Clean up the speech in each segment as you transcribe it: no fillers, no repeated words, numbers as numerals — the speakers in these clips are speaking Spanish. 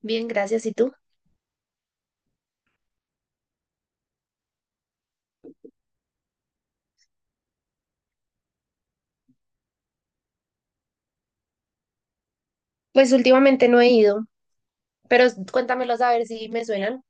Bien, gracias. ¿Y tú? Pues últimamente no he ido, pero cuéntamelos a ver si me suenan.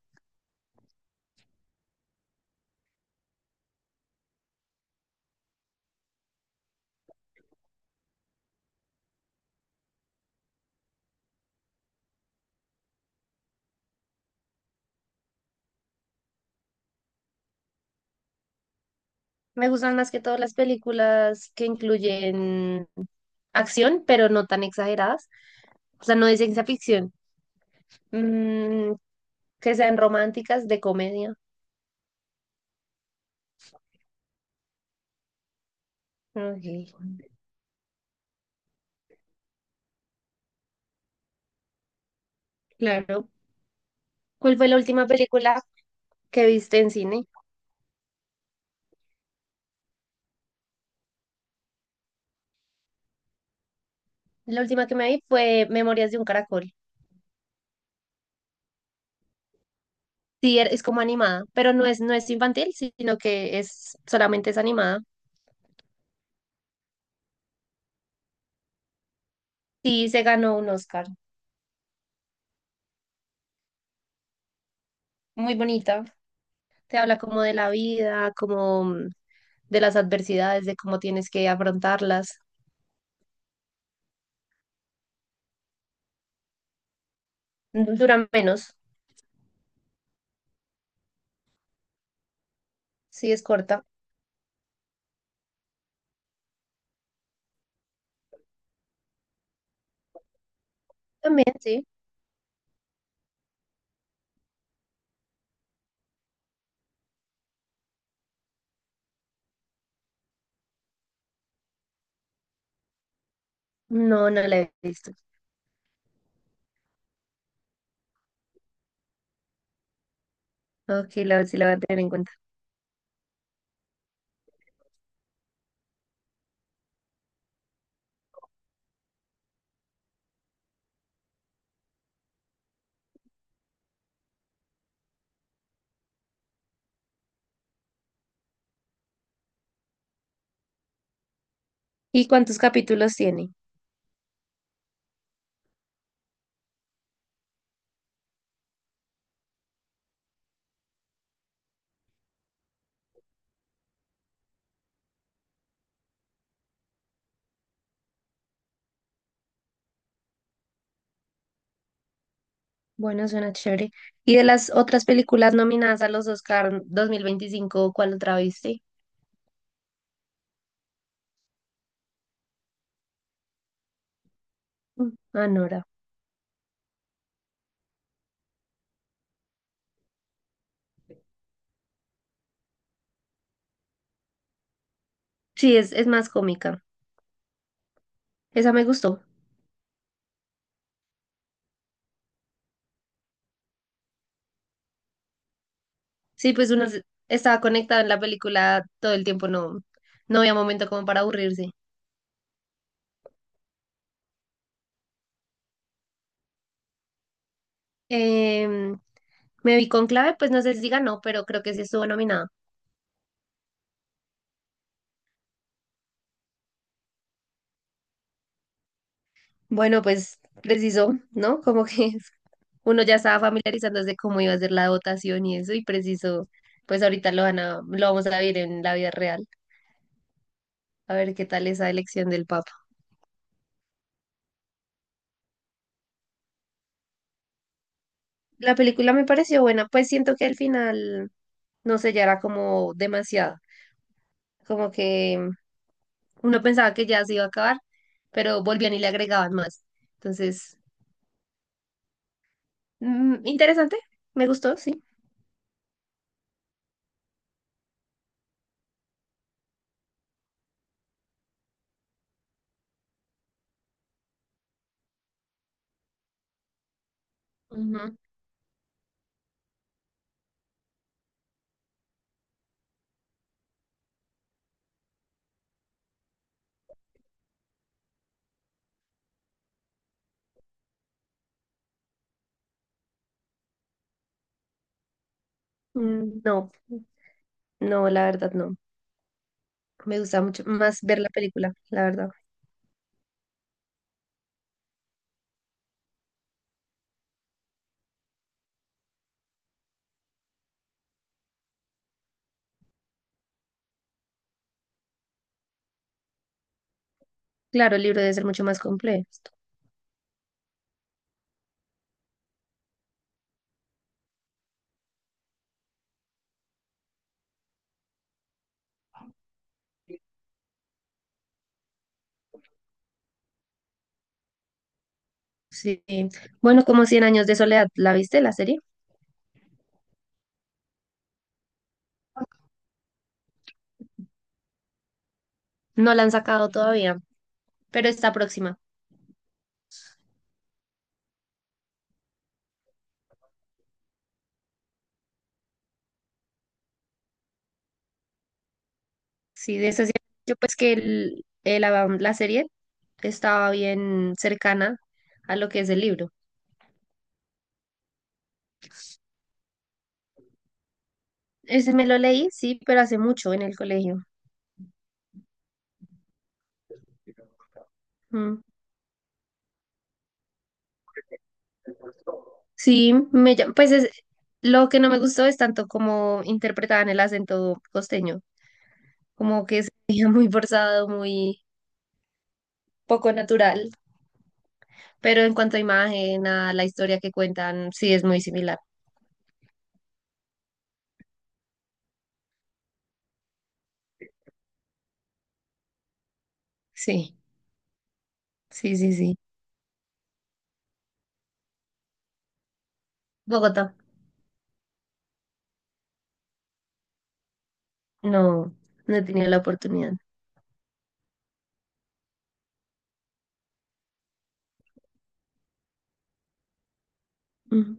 Me gustan más que todas las películas que incluyen acción, pero no tan exageradas. O sea, no de ciencia ficción. Mm, que sean románticas, de comedia. Ok, claro. ¿Cuál fue la última película que viste en cine? La última que me vi fue Memorias de un Caracol. Sí, es como animada, pero no es infantil, sino que es solamente es animada. Sí, se ganó un Oscar. Muy bonita. Te habla como de la vida, como de las adversidades, de cómo tienes que afrontarlas. Dura menos, sí es corta. También, sí. No, no la he visto. Ok, la, sí la voy a tener en cuenta. ¿Y cuántos capítulos tiene? Bueno, suena chévere. ¿Y de las otras películas nominadas a los Oscar 2025 cuál otra viste? Mm, Anora. Sí, es más cómica. Esa me gustó. Sí, pues estaba conectado en la película todo el tiempo, no, no había momento como para aburrirse. Em, me vi con clave, pues no sé si ganó, pero creo que sí estuvo nominada. Bueno, pues precisó, ¿no? Como que uno ya estaba familiarizándose cómo iba a ser la votación y eso, y preciso, pues ahorita lo van a, lo vamos a ver en la vida real, a ver qué tal esa elección del Papa. La película me pareció buena, pues siento que al final, no sé, ya era como demasiado, como que uno pensaba que ya se iba a acabar, pero volvían y le agregaban más. Entonces, mm, interesante, me gustó, sí. Ujú. Mm, no, no, la verdad no. Me gusta mucho más ver la película, la verdad. Claro, el libro debe ser mucho más complejo. Sí. Bueno, como cien años de soledad, ¿la viste la serie? No la han sacado todavía, pero está próxima. Sí, de esa sí- yo pues que el- la, la serie estaba bien cercana a lo que es el libro. Ese me lo leí, sí, pero hace mucho en el colegio. Mm. Sí, me, llam- pues es- lo que no me gustó es tanto como interpretaban el acento costeño. Como que se veía muy forzado, muy poco natural, pero en cuanto a imagen, a la historia que cuentan, sí es muy similar. Sí, sí, sí, sí. Bogotá, no, no he tenido la oportunidad. Ujú,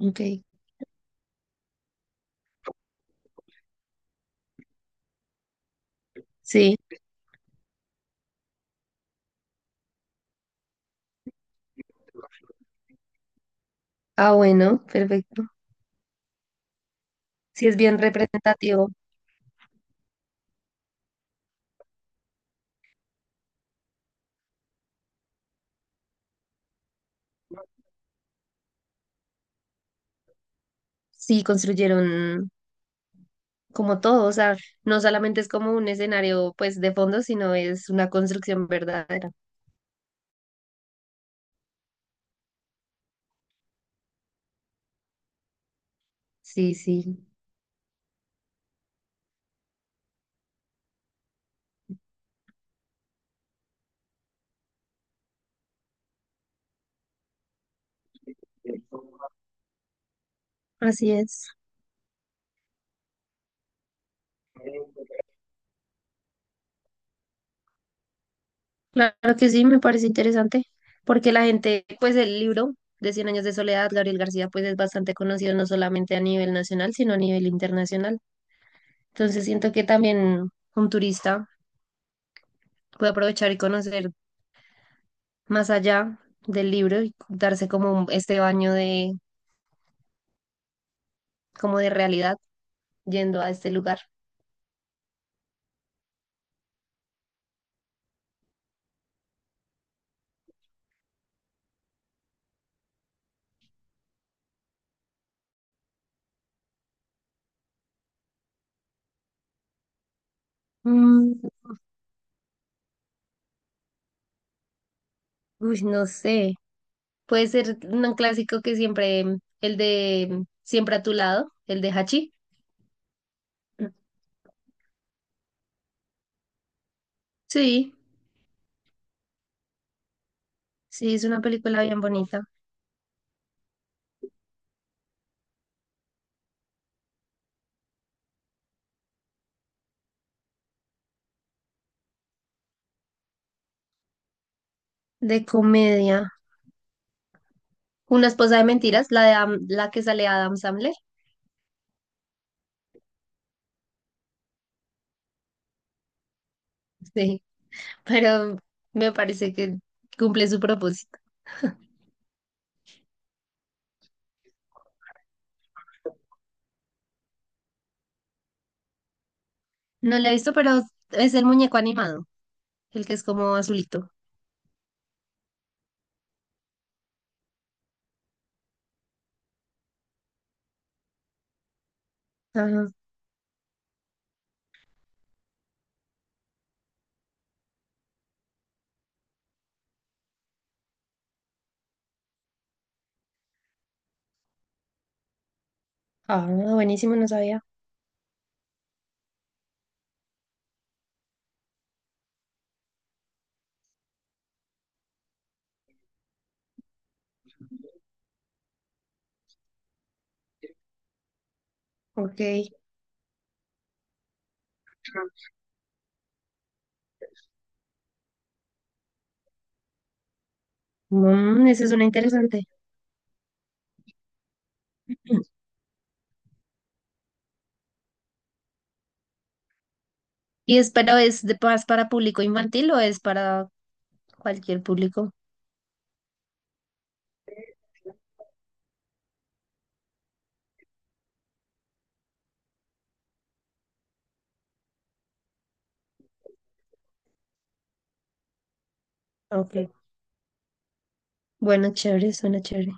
ok, sí, ah, bueno, perfecto. Sí es bien representativo, sí construyeron como todo, o sea, no solamente es como un escenario pues de fondo, sino es una construcción verdadera. Sí, sí, así es. Claro que sí, me parece interesante, porque la gente, pues el libro de Cien Años de Soledad, Gabriel García, pues es bastante conocido no solamente a nivel nacional, sino a nivel internacional. Entonces siento que también un turista puede aprovechar y conocer más allá del libro y darse como este baño de, como de realidad yendo a este lugar. Mm, uy, no sé, puede ser un clásico que siempre, el de Siempre a tu Lado, el de Hachi. Sí, sí, es una película bien bonita. De comedia. Una esposa de mentiras, la de la que sale Adam Sandler. Sí, pero me parece que cumple su propósito. No la he visto, pero es el muñeco animado, el que es como azulito. Ajá. Ah, buenísimo, no sabía. Ok. Mm, esa es una interesante. ¿Y es, pero es de paz para público infantil o es para cualquier público? Ok. Bueno, chévere, suena chévere.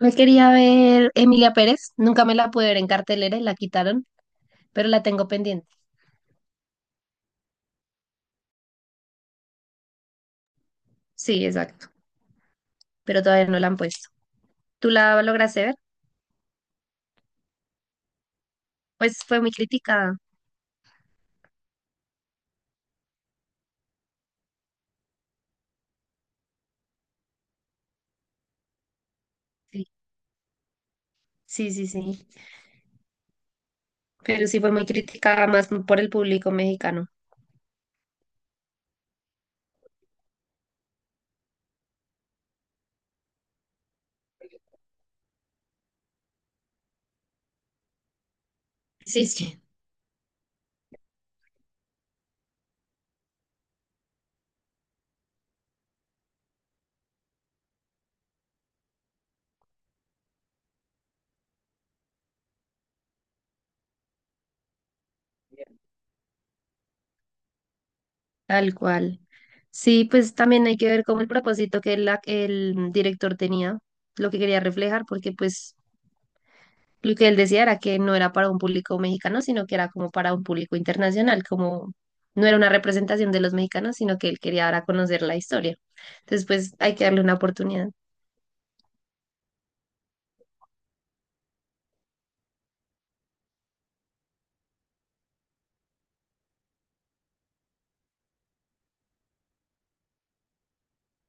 Me quería ver Emilia Pérez, nunca me la pude ver en cartelera y la quitaron, pero la tengo pendiente. Sí, exacto, pero todavía no la han puesto. ¿Tú la lograste ver? Pues fue muy criticada. Sí, sí, sí, sí. Pero sí fue muy criticada más por el público mexicano. Sí, sí, tal cual. Sí, pues también hay que ver cómo el propósito que el director tenía, lo que quería reflejar, porque pues lo que él decía era que no era para un público mexicano, sino que era como para un público internacional, como no era una representación de los mexicanos, sino que él quería dar a conocer la historia. Entonces, pues hay que darle una oportunidad.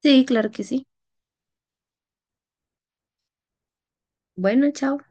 Sí, claro que sí. Bueno, chao.